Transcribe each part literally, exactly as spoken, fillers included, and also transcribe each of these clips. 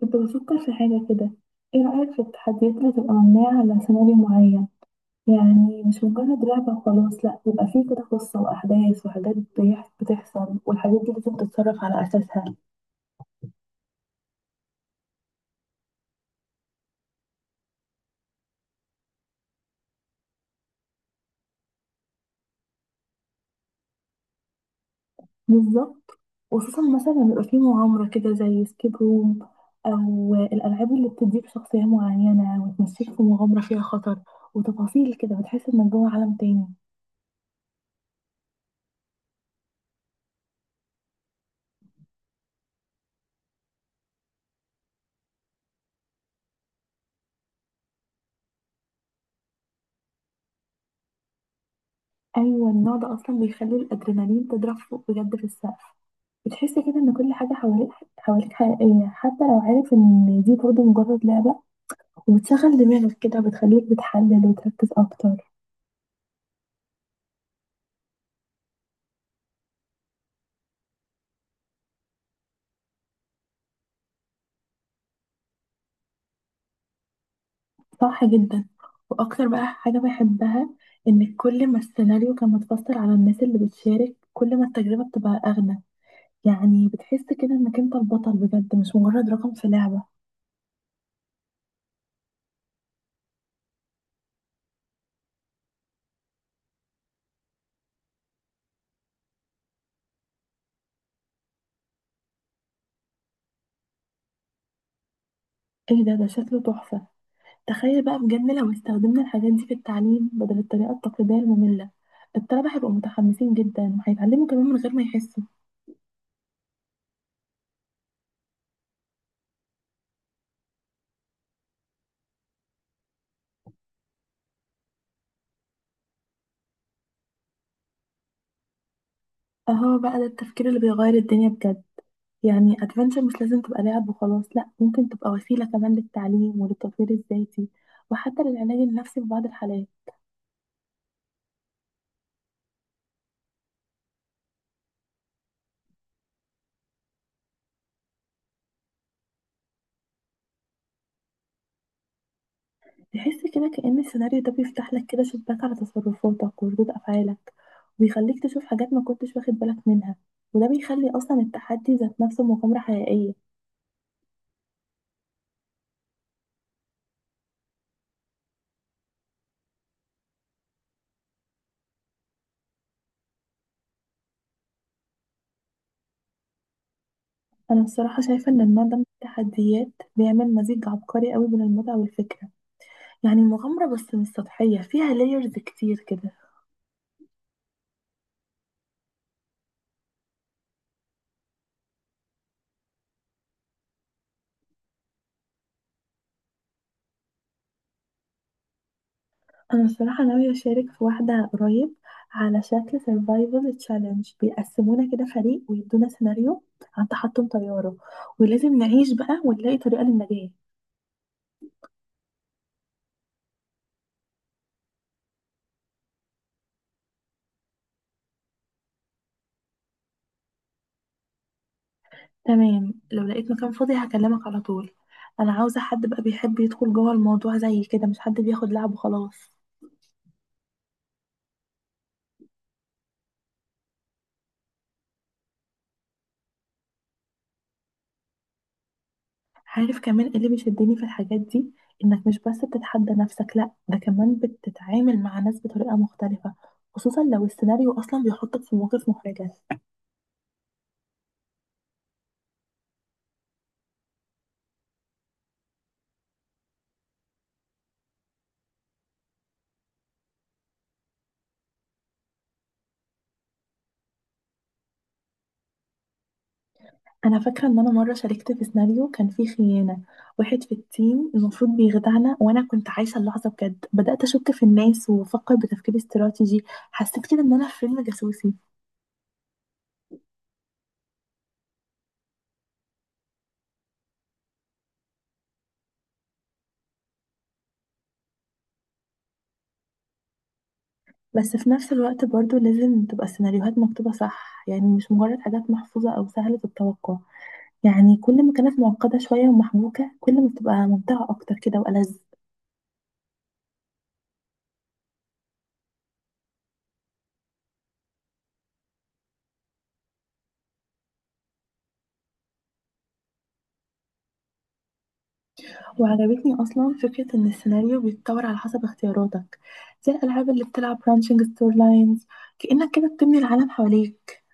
كنت بفكر في حاجة كده. ايه رأيك في التحديات اللي تبقى مبنية على سيناريو معين؟ يعني مش مجرد لعبة وخلاص، لأ، بيبقى فيه كده قصة وأحداث وحاجات بيح- بتحصل والحاجات دي لازم تتصرف على أساسها. بالظبط. وخصوصا مثلا بيبقى فيه مغامرة كده زي سكيب روم، أو الألعاب اللي بتديك شخصية معينة وتمشيك في مغامرة فيها خطر وتفاصيل كده، بتحس إنك جوه عالم تاني. ايوه، النوع ده اصلا بيخلي الادرينالين تضرب فوق بجد في السقف. بتحس كده ان كل حاجه حواليك حواليك حقيقيه، حتى لو عارف ان دي برضه مجرد لعبه. وبتشغل دماغك كده، وبتخليك بتحلل وتركز اكتر. صح جدا. واكتر بقى حاجه بحبها، ان كل ما السيناريو كان متفصل على الناس اللي بتشارك، كل ما التجربه بتبقى اغنى. يعني بتحس كده انك انت البطل بجد، مش مجرد رقم في لعبه. ايه ده؟ ده شكله تحفه. تخيل بقى بجد لو استخدمنا الحاجات دي في التعليم بدل الطريقة التقليدية المملة، الطلبة هيبقوا متحمسين جدا وهيتعلموا كمان من غير ما يحسوا. اهو بقى ده التفكير اللي بيغير الدنيا بجد. يعني ادفنتشر مش لازم تبقى لعب وخلاص، لا، ممكن تبقى وسيلة كمان للتعليم وللتطوير الذاتي، وحتى للعلاج النفسي في بعض الحالات. تحس كده كأن السيناريو ده بيفتح لك كده شباك على تصرفاتك وردود أفعالك، وبيخليك تشوف حاجات ما كنتش واخد بالك منها. وده بيخلي أصلا التحدي ذات نفسه مغامرة حقيقية. أنا الصراحة شايفة إن النوع ده من التحديات بيعمل مزيج عبقري قوي بين المتعة والفكرة. يعني مغامرة بس مش سطحية، فيها لايرز كتير كده. أنا الصراحة ناوية أشارك في واحدة قريب، على شكل survival challenge. بيقسمونا كده فريق ويدونا سيناريو عن تحطم طيارة، ولازم نعيش بقى ونلاقي طريقة للنجاة. تمام، لو لقيت مكان فاضي هكلمك على طول. أنا عاوزة حد بقى بيحب يدخل جوه الموضوع زي كده، مش حد بياخد لعب وخلاص. عارف كمان ايه اللي بيشدني في الحاجات دي؟ انك مش بس بتتحدى نفسك، لا، ده كمان بتتعامل مع ناس بطريقة مختلفة، خصوصا لو السيناريو اصلا بيحطك في مواقف محرجة. انا فاكرة ان انا مرة شاركت في سيناريو كان فيه خيانة، واحد في التيم المفروض بيخدعنا، وانا كنت عايشة اللحظة بجد، بدأت اشك في الناس وافكر بتفكير استراتيجي. حسيت كده ان انا في فيلم جاسوسي. بس في نفس الوقت برضو لازم تبقى السيناريوهات مكتوبة صح، يعني مش مجرد حاجات محفوظة او سهلة التوقع. يعني كل ما كانت معقدة شوية ومحبوكة، كل ما بتبقى ممتعة أكتر كده وألذ. وعجبتني أصلا فكرة إن السيناريو بيتطور على حسب اختياراتك، زي الألعاب اللي بتلعب برانشنج ستور لاينز. كأنك كده بتبني العالم حواليك.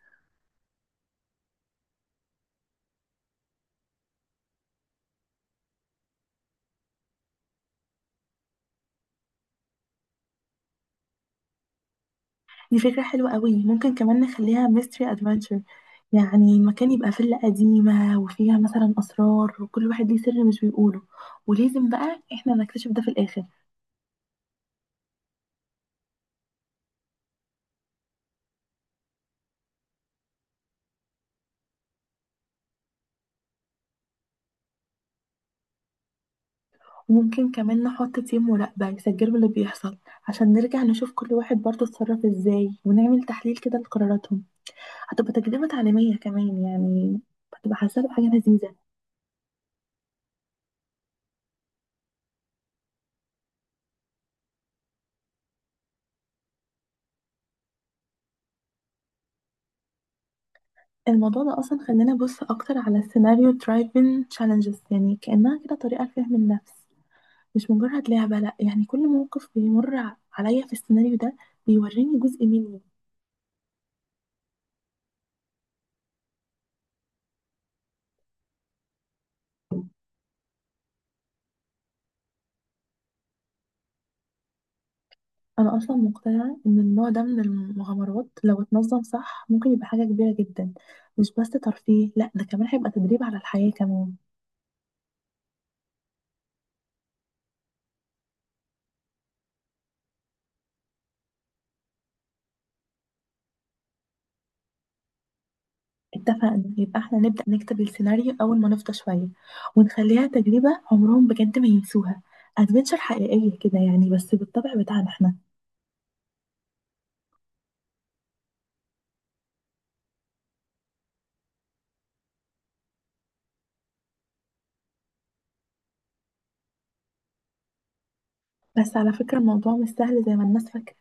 دي فكرة حلوة قوي. ممكن كمان نخليها ميستري أدفنتشر، يعني مكان يبقى فيلا قديمة وفيها مثلا أسرار، وكل واحد ليه سر مش بيقوله، ولازم بقى إحنا نكتشف ده في الآخر. ممكن كمان نحط تيم مراقبة يسجلوا اللي بيحصل، عشان نرجع نشوف كل واحد برضه اتصرف ازاي، ونعمل تحليل كده لقراراتهم. هتبقى تجربة تعليمية كمان يعني، هتبقى حاسة بحاجة لذيذة. الموضوع ده أصلا خلاني أبص أكتر على السيناريو درايفين تشالنجز، يعني كأنها كده طريقة لفهم النفس، مش مجرد لعبة، لأ. يعني كل موقف بيمر ع- عليا في السيناريو ده، بيوريني جزء مني. أنا أصلا مقتنعة إن النوع ده من المغامرات لو اتنظم صح ممكن يبقى حاجة كبيرة جدا، مش بس ترفيه، لأ، ده كمان هيبقى تدريب على الحياة كمان. اتفقنا. يبقى احنا نبدأ نكتب السيناريو أول ما نفضى شوية، ونخليها تجربة عمرهم بجد ما ينسوها. أدفنتشر حقيقية كده يعني، بس بالطبع بتاعنا احنا. بس على فكرة، الموضوع مش سهل زي ما الناس فاكرة.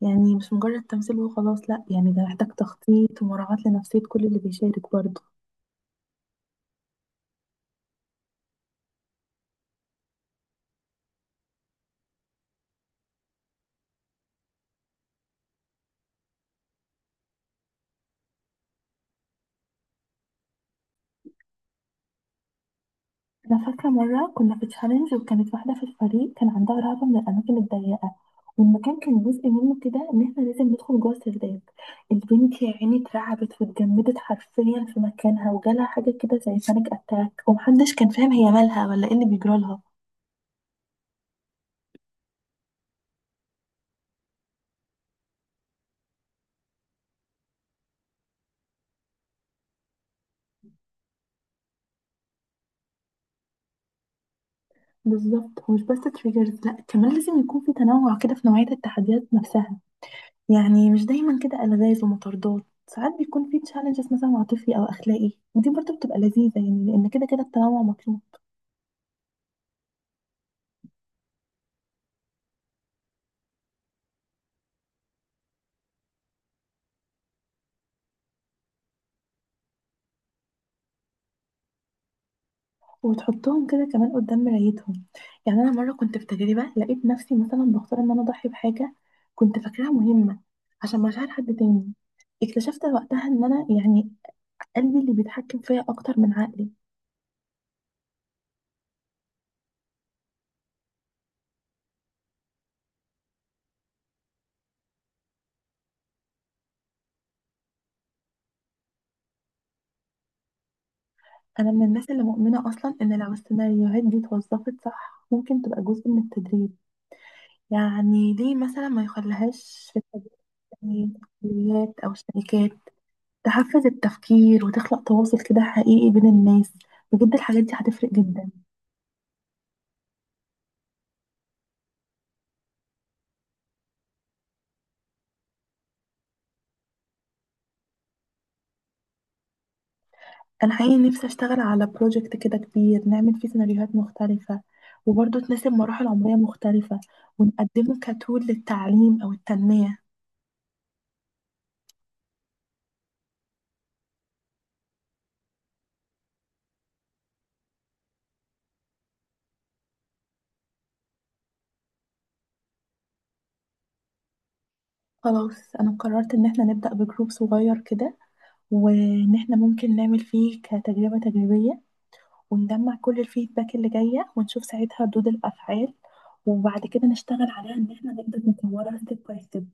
يعني مش مجرد تمثيل وخلاص، لأ، يعني ده محتاج تخطيط ومراعاة لنفسية كل اللي بيشارك برضه. أنا فاكرة مرة كنا في تشالنج، وكانت واحدة في الفريق كان عندها رهبة من الأماكن الضيقة، والمكان كان جزء منه كده إن إحنا لازم ندخل جوه السرداب. البنت يا عيني اترعبت واتجمدت حرفيا في مكانها، وجالها حاجة كده زي بانيك أتاك، ومحدش كان فاهم هي مالها ولا إيه اللي بيجرالها. بالظبط. ومش بس تريجرز، لأ، كمان لازم يكون في تنوع كده في نوعية التحديات نفسها. يعني مش دايما كده ألغاز ومطاردات، ساعات بيكون في تشالنجز مثلا عاطفي أو أخلاقي، ودي برضه بتبقى لذيذة يعني، لأن كده كده التنوع مطلوب. وبتحطهم كده كمان قدام مرايتهم. يعني انا مره كنت في تجربه لقيت نفسي مثلا بختار ان انا اضحي بحاجه كنت فاكراها مهمه عشان مشاعر حد تاني. اكتشفت وقتها ان انا يعني قلبي اللي بيتحكم فيا اكتر من عقلي. انا من الناس اللي مؤمنه اصلا ان لو السيناريوهات دي اتوظفت صح ممكن تبقى جزء من التدريب. يعني ليه مثلا ما يخليهاش في التدريبات او الشركات تحفز التفكير وتخلق تواصل كده حقيقي بين الناس؟ بجد الحاجات دي هتفرق جدا. انا حقيقي نفسي اشتغل على بروجكت كده كبير، نعمل فيه سيناريوهات مختلفة، وبرضه تناسب مراحل عمرية مختلفة، ونقدمه كتول للتعليم او التنمية. خلاص، انا قررت ان احنا نبدأ بجروب صغير كده، وان احنا ممكن نعمل فيه كتجربة تجريبية، ونجمع كل الفيدباك اللي جاية ونشوف ساعتها ردود الافعال. وبعد كده نشتغل عليها ان احنا نقدر نطورها ستيب باي